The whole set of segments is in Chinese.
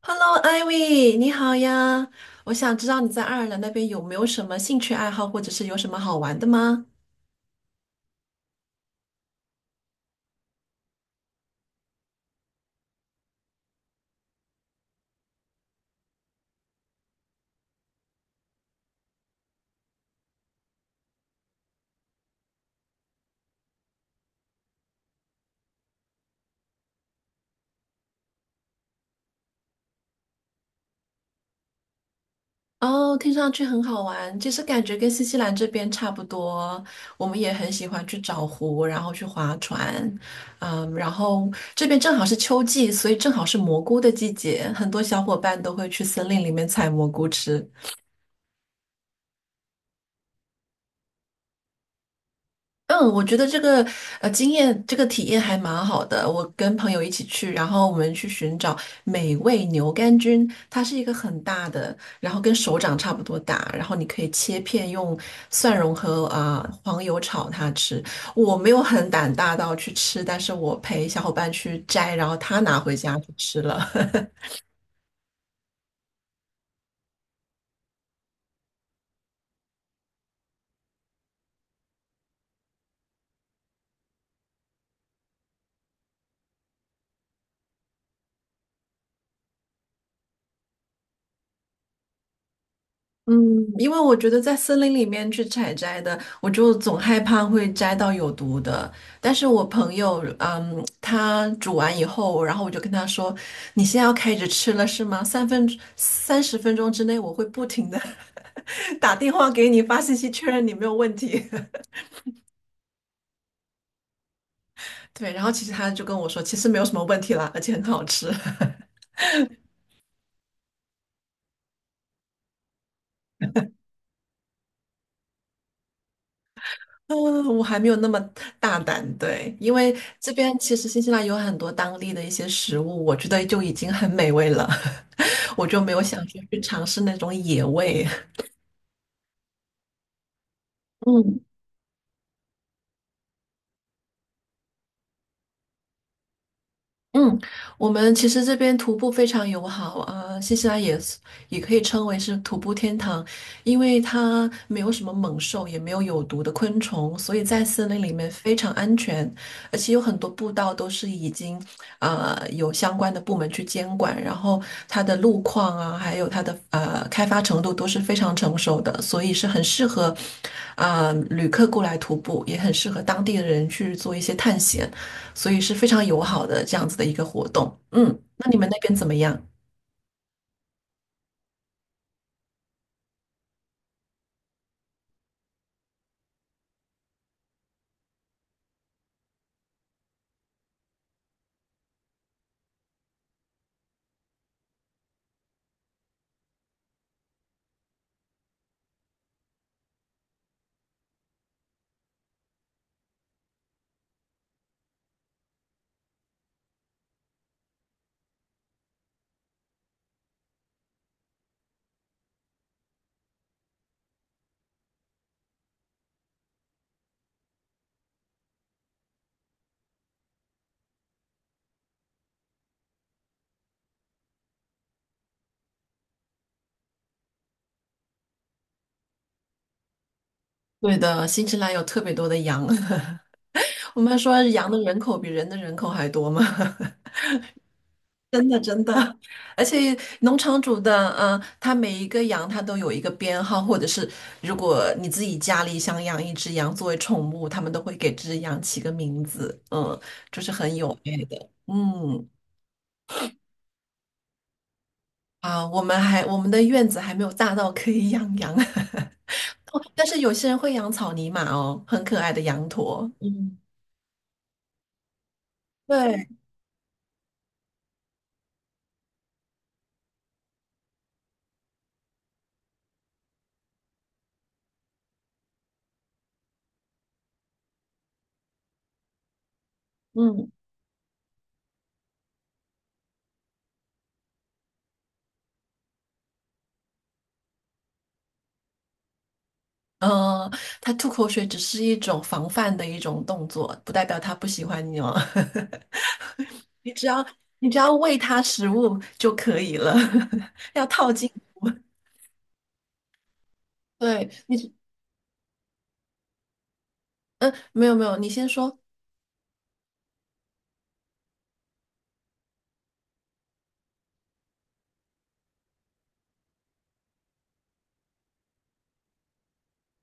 Hello, Ivy，你好呀！我想知道你在爱尔兰那边有没有什么兴趣爱好，或者是有什么好玩的吗？哦，听上去很好玩，其实感觉跟新西兰这边差不多。我们也很喜欢去找湖，然后去划船。嗯，然后这边正好是秋季，所以正好是蘑菇的季节，很多小伙伴都会去森林里面采蘑菇吃。嗯，我觉得这个经验，这个体验还蛮好的。我跟朋友一起去，然后我们去寻找美味牛肝菌，它是一个很大的，然后跟手掌差不多大，然后你可以切片用蒜蓉和黄油炒它吃。我没有很胆大到去吃，但是我陪小伙伴去摘，然后他拿回家去吃了。嗯，因为我觉得在森林里面去采摘的，我就总害怕会摘到有毒的。但是我朋友，嗯，他煮完以后，然后我就跟他说：“你现在要开始吃了是吗？三十分钟之内，我会不停的 打电话给你发信息确认你没有问题。对，然后其实他就跟我说，其实没有什么问题啦，而且很好吃。嗯，我还没有那么大胆。对，因为这边其实新西兰有很多当地的一些食物，我觉得就已经很美味了。我就没有想说去尝试那种野味。嗯，嗯，我们其实这边徒步非常友好啊，新西兰也是也可以称为是徒步天堂，因为它没有什么猛兽，也没有有毒的昆虫，所以在森林里面非常安全，而且有很多步道都是已经有相关的部门去监管，然后它的路况啊，还有它的开发程度都是非常成熟的，所以是很适合旅客过来徒步，也很适合当地的人去做一些探险。所以是非常友好的这样子的一个活动。嗯，那你们那边怎么样？对的，新西兰有特别多的羊，我们说羊的人口比人的人口还多嘛，真的真的，而且农场主的，他每一个羊他都有一个编号，或者是如果你自己家里想养一只羊作为宠物，他们都会给这只羊起个名字，嗯，就是很有爱的，嗯。啊，我们的院子还没有大到可以养羊。哦，但是有些人会养草泥马哦，很可爱的羊驼。嗯，对。嗯，呃，它吐口水只是一种防范的一种动作，不代表它不喜欢你哦。你只要你只要喂它食物就可以了，要套进。对你，嗯，没有没有，你先说。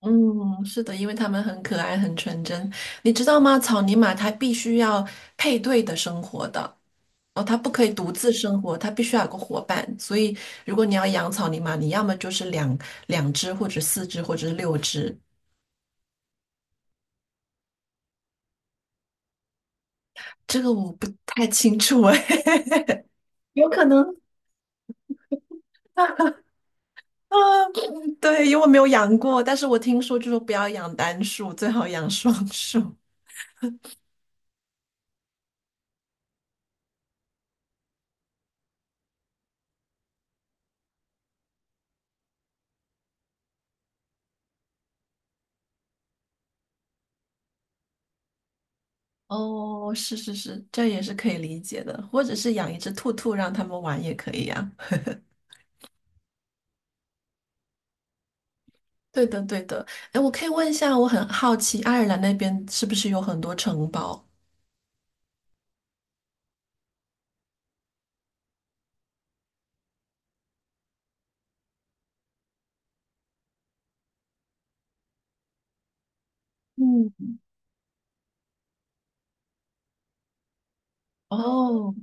嗯，是的，因为它们很可爱，很纯真。你知道吗？草泥马它必须要配对的生活的。哦，它不可以独自生活，它必须要有个伙伴。所以，如果你要养草泥马，你要么就是两只，或者四只，或者是六只。这个我不太清楚哎，有可能啊。对，因为我没有养过，但是我听说就说不要养单数，最好养双数。哦，是是是，这也是可以理解的，或者是养一只兔兔让他们玩也可以呀、啊 对的，对的。哎，我可以问一下，我很好奇，爱尔兰那边是不是有很多城堡？嗯。哦，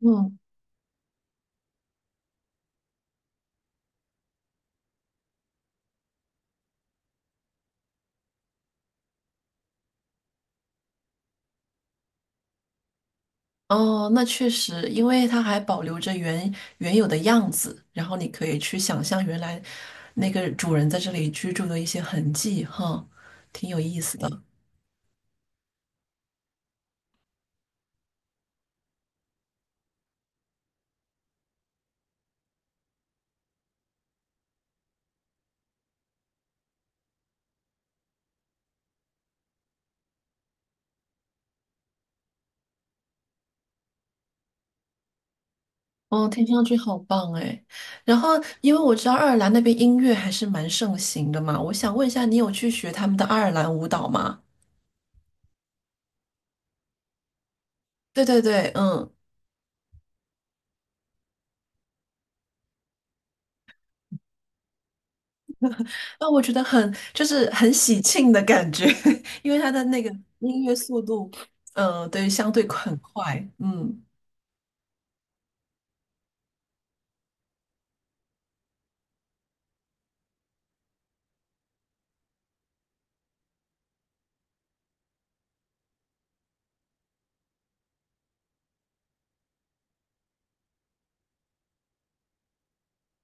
嗯。哦，那确实，因为它还保留着原有的样子，然后你可以去想象原来那个主人在这里居住的一些痕迹，哈，挺有意思的。哦，听上去好棒哎。然后，因为我知道爱尔兰那边音乐还是蛮盛行的嘛，我想问一下，你有去学他们的爱尔兰舞蹈吗？对对对，嗯。啊，我觉得很就是很喜庆的感觉，因为它的那个音乐速度，对，相对很快，嗯。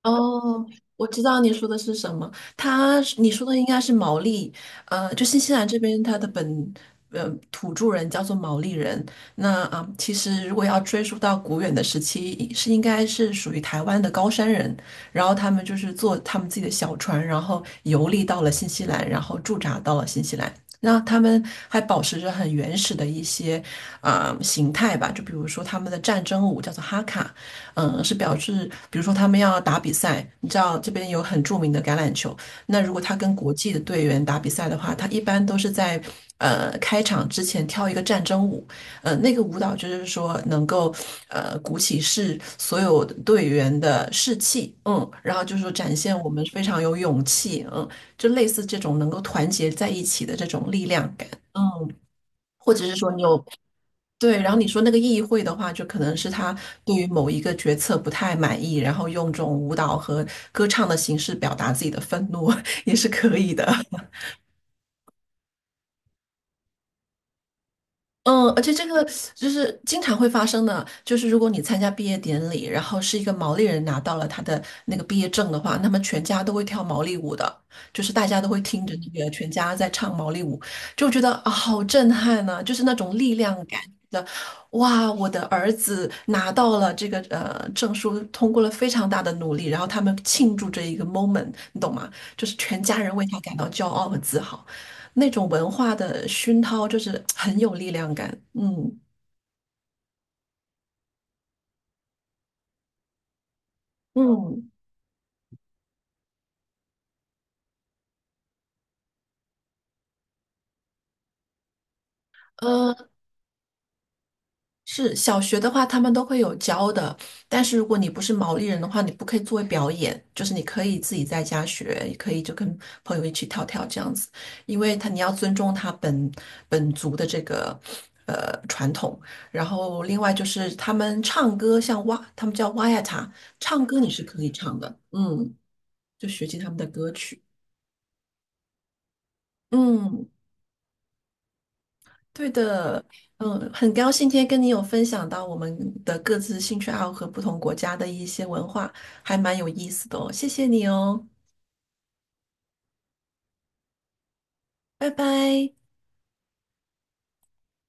哦，我知道你说的是什么，它是你说的应该是毛利，就新西兰这边它的土著人叫做毛利人，那其实如果要追溯到古远的时期，是应该是属于台湾的高山人，然后他们就是坐他们自己的小船，然后游历到了新西兰，然后驻扎到了新西兰。那他们还保持着很原始的一些形态吧，就比如说他们的战争舞叫做哈卡。是表示，比如说他们要打比赛，你知道这边有很著名的橄榄球，那如果他跟国际的队员打比赛的话，他一般都是在开场之前跳一个战争舞。那个舞蹈就是说能够鼓起士所有队员的士气，嗯，然后就是说展现我们非常有勇气，嗯。就类似这种能够团结在一起的这种力量感，嗯，或者是说你有对，然后你说那个议会的话，就可能是他对于某一个决策不太满意，然后用这种舞蹈和歌唱的形式表达自己的愤怒 也是可以的。嗯，而且这个就是经常会发生的，就是如果你参加毕业典礼，然后是一个毛利人拿到了他的那个毕业证的话，那么全家都会跳毛利舞的，就是大家都会听着那个全家在唱毛利舞，就觉得啊，好震撼呐、就是那种力量感的。哇，我的儿子拿到了这个证书，通过了非常大的努力，然后他们庆祝这一个 moment，你懂吗？就是全家人为他感到骄傲和自豪。那种文化的熏陶，就是很有力量感。嗯。嗯，呃，是小学的话，他们都会有教的，但是如果你不是毛利人的话，你不可以作为表演，就是你可以自己在家学，也可以就跟朋友一起跳跳这样子，因为他你要尊重他本族的这个。传统，然后另外就是他们唱歌，像哇，他们叫哇呀塔，唱歌你是可以唱的，嗯，就学习他们的歌曲，嗯。对的，嗯，很高兴今天跟你有分享到我们的各自兴趣爱好和不同国家的一些文化，还蛮有意思的哦，谢谢你哦，拜拜。